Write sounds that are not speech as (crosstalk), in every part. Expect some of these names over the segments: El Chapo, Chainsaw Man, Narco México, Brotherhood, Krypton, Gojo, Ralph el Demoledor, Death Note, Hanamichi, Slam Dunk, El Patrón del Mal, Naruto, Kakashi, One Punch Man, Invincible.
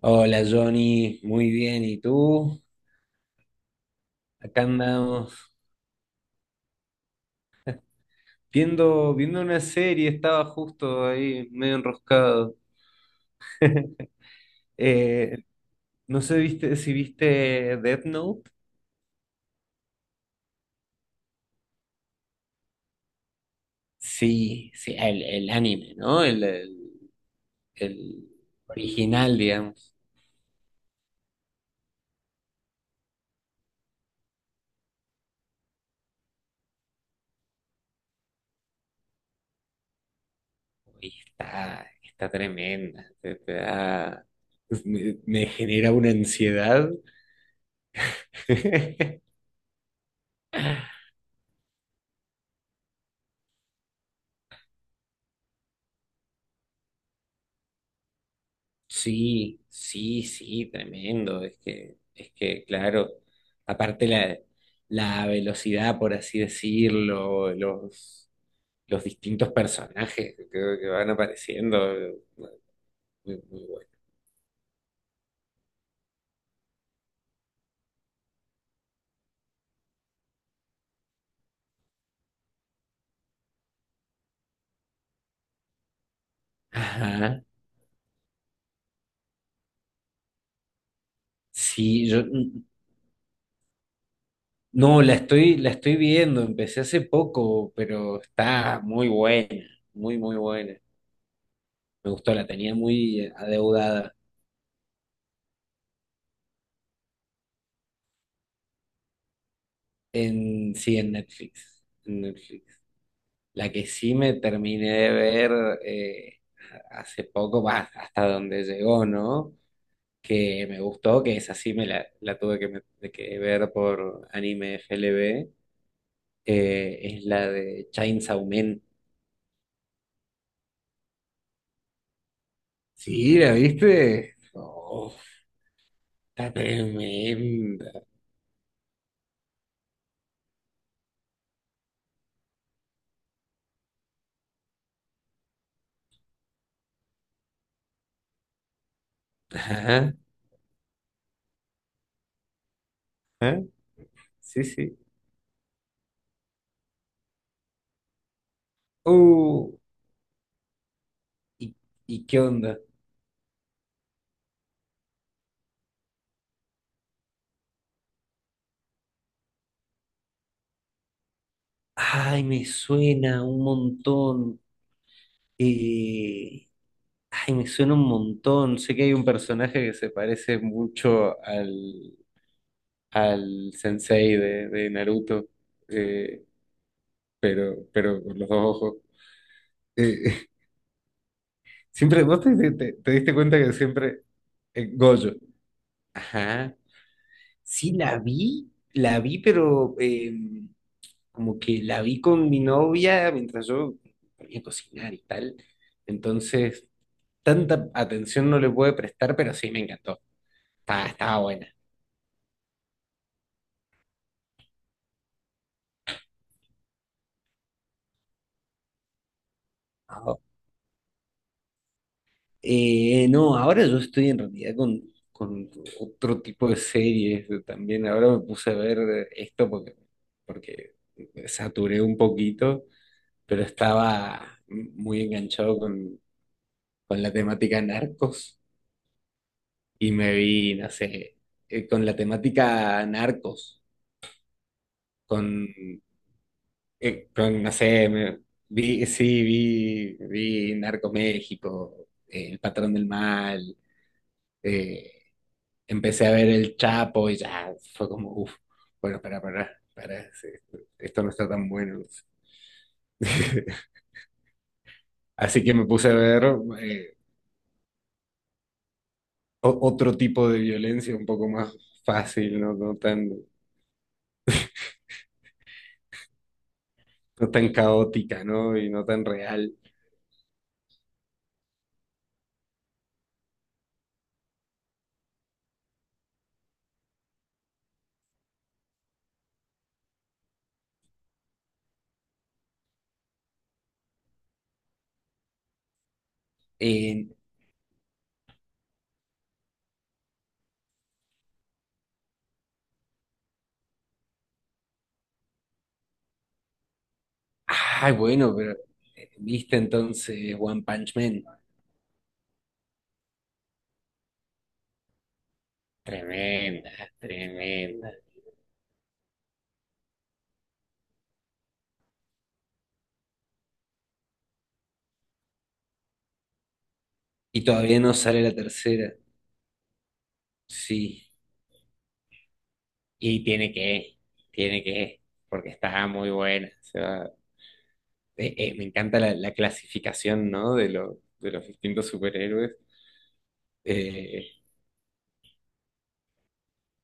Hola Johnny, muy bien. ¿Y tú? Acá andamos viendo una serie, estaba justo ahí medio enroscado. (laughs) Eh, no sé viste, si viste Death Note. Sí, sí, el anime, ¿no? El original, digamos. Y está tremenda. Me genera una ansiedad. (laughs) Sí, sí, sí, tremendo. Es que, claro, aparte la velocidad, por así decirlo, los distintos personajes que, creo que van apareciendo, bueno, muy, muy bueno. Ajá. Sí, yo no, la estoy viendo, empecé hace poco, pero está muy buena, muy, muy buena. Me gustó, la tenía muy adeudada en sí, en Netflix. En Netflix. La que sí me terminé de ver eh, hace poco, va, hasta donde llegó, ¿no? Que me gustó, que esa sí me la tuve que, de que ver por anime f FLB, es la de Chainsaw Man. Sí, ¿la viste? Oh, está tremenda. Ajá, ajá. Sí, sí. Uh, ¿y, ¿y qué onda? Ay, me suena un montón. Eh, Ay, me suena un montón. Sé que hay un personaje que se parece mucho al sensei de Naruto, eh, pero con los dos ojos. Eh, (laughs) siempre, ¿vos te diste cuenta que siempre Gojo? Ajá. Sí, la vi, pero como que la vi con mi novia mientras yo ponía a cocinar y tal. Entonces, tanta atención no le pude prestar, pero sí me encantó. Estaba buena. No, ahora yo estoy en realidad con otro tipo de series también. Ahora me puse a ver esto porque saturé un poquito, pero estaba muy enganchado con la temática narcos y me vi, no sé, con la temática narcos, con, con no sé, vi, sí, vi Narco México, El Patrón del Mal. eh, Empecé a ver El Chapo y ya fue como, uff, bueno, para, sí, esto no está tan bueno. (laughs) Así que me puse a ver eh, otro tipo de violencia un poco más fácil, no tan, no tan caótica, ¿no? Y no tan real. Eh, Ay, bueno, pero viste entonces One Punch Man. Tremenda, tremenda. Y todavía no sale la tercera. Sí. Y tiene que, porque está muy buena. O sea, me encanta la clasificación, ¿no? De los distintos superhéroes. eh,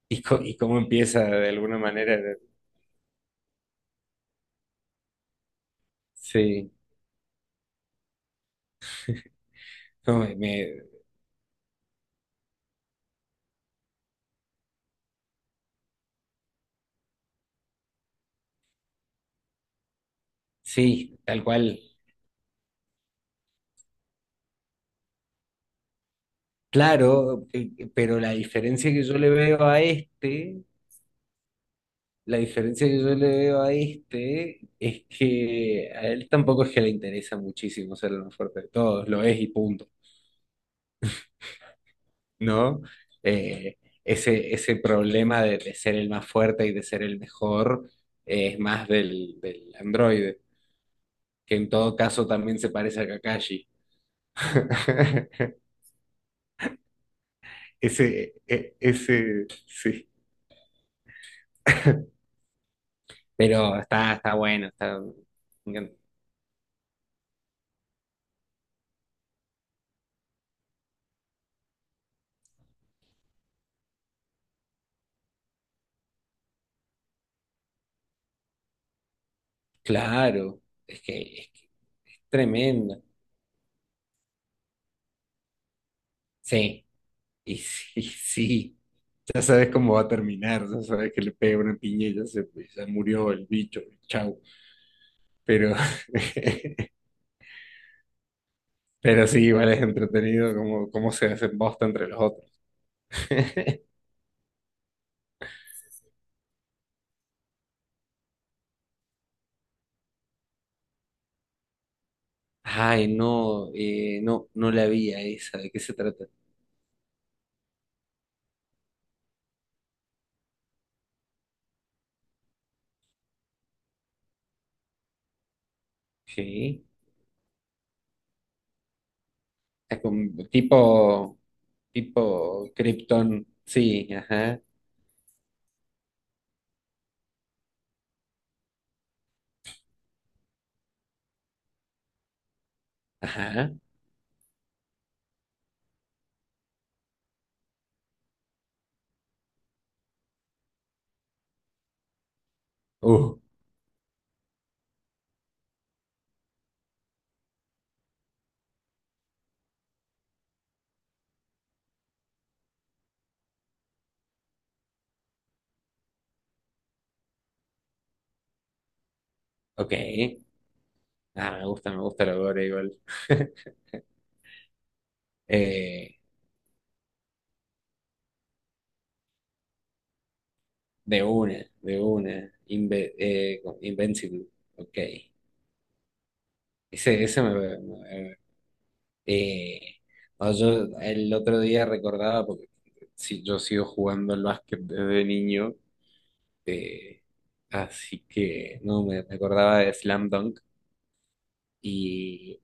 y, y cómo empieza de alguna manera. Sí, no, sí, tal cual. Claro, pero la diferencia que yo le veo a este, la diferencia que yo le veo a este es que a él tampoco es que le interesa muchísimo ser el más fuerte de todos, lo es y punto. ¿No? Eh, ese problema de ser el más fuerte y de ser el mejor, es más del androide, que en todo caso también se parece a Kakashi. (laughs) Ese, sí. Pero está bueno, está me encanta. Claro, es tremendo. Sí, y sí, (laughs) sí. Ya sabes cómo va a terminar, ya sabes que le pega una piña y ya se, ya murió el bicho, chau. Pero (laughs) pero sí, igual es entretenido cómo se hacen bosta entre los otros. (laughs) Ay, no, no, no la vi a esa, ¿de qué se trata? Sí, es como tipo, tipo Krypton, sí, ajá, ajá, uh, ok, ah, me gusta la gore igual, (laughs) eh, de una, Invincible, ok, ese me, Eh, no, yo el otro día recordaba, porque sí, yo sigo jugando al básquet desde niño, eh, así que no, me acordaba de Slam Dunk y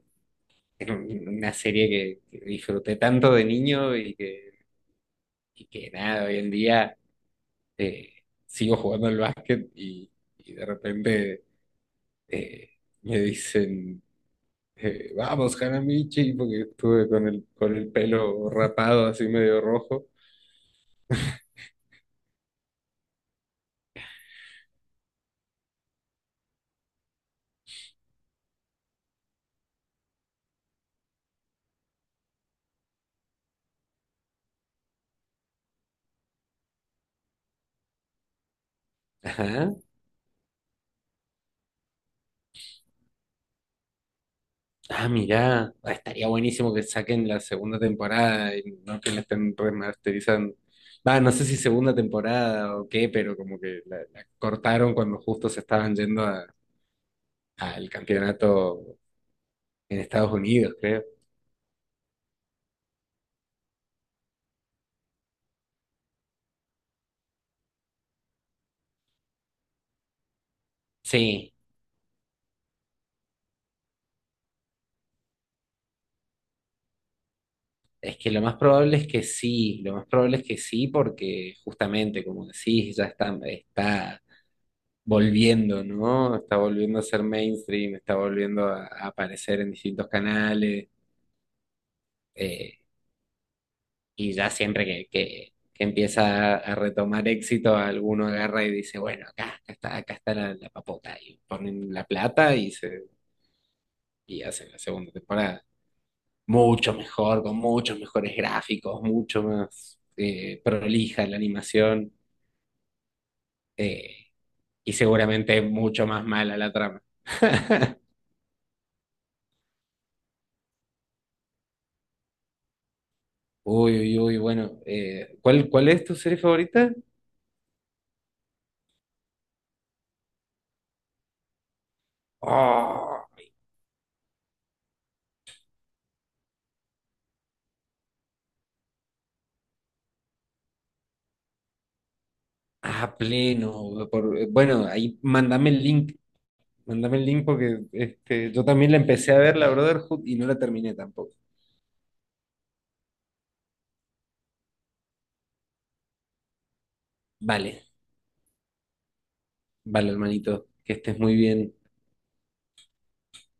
(laughs) una serie que disfruté tanto de niño y que nada, hoy en día eh, sigo jugando al básquet y de repente eh, me dicen, vamos, Hanamichi, porque estuve con con el pelo rapado así medio rojo. Ajá. Ah, mirá, ah, estaría buenísimo que saquen la segunda temporada y no que la estén remasterizando. Va, no sé si segunda temporada o qué, pero como que la cortaron cuando justo se estaban yendo al campeonato en Estados Unidos, creo. Sí, es que lo más probable es que sí, lo más probable es que sí, porque justamente, como decís, ya está volviendo, ¿no? Está volviendo a ser mainstream, está volviendo a aparecer en distintos canales. Y ya siempre que empieza a retomar éxito, alguno agarra y dice, bueno, acá, acá está la papota, y ponen la plata y, se, y hacen la segunda temporada. Mucho mejor, con muchos mejores gráficos, mucho más prolija la animación, eh, y seguramente mucho más mala la trama. (laughs) Uy, uy, uy, bueno, ¿cuál es tu serie favorita? Oh, a pleno. Bueno, ahí mándame el link. Mándame el link porque este, yo también la empecé a ver, la Brotherhood, y no la terminé tampoco. Vale, vale, hermanito, que estés muy bien.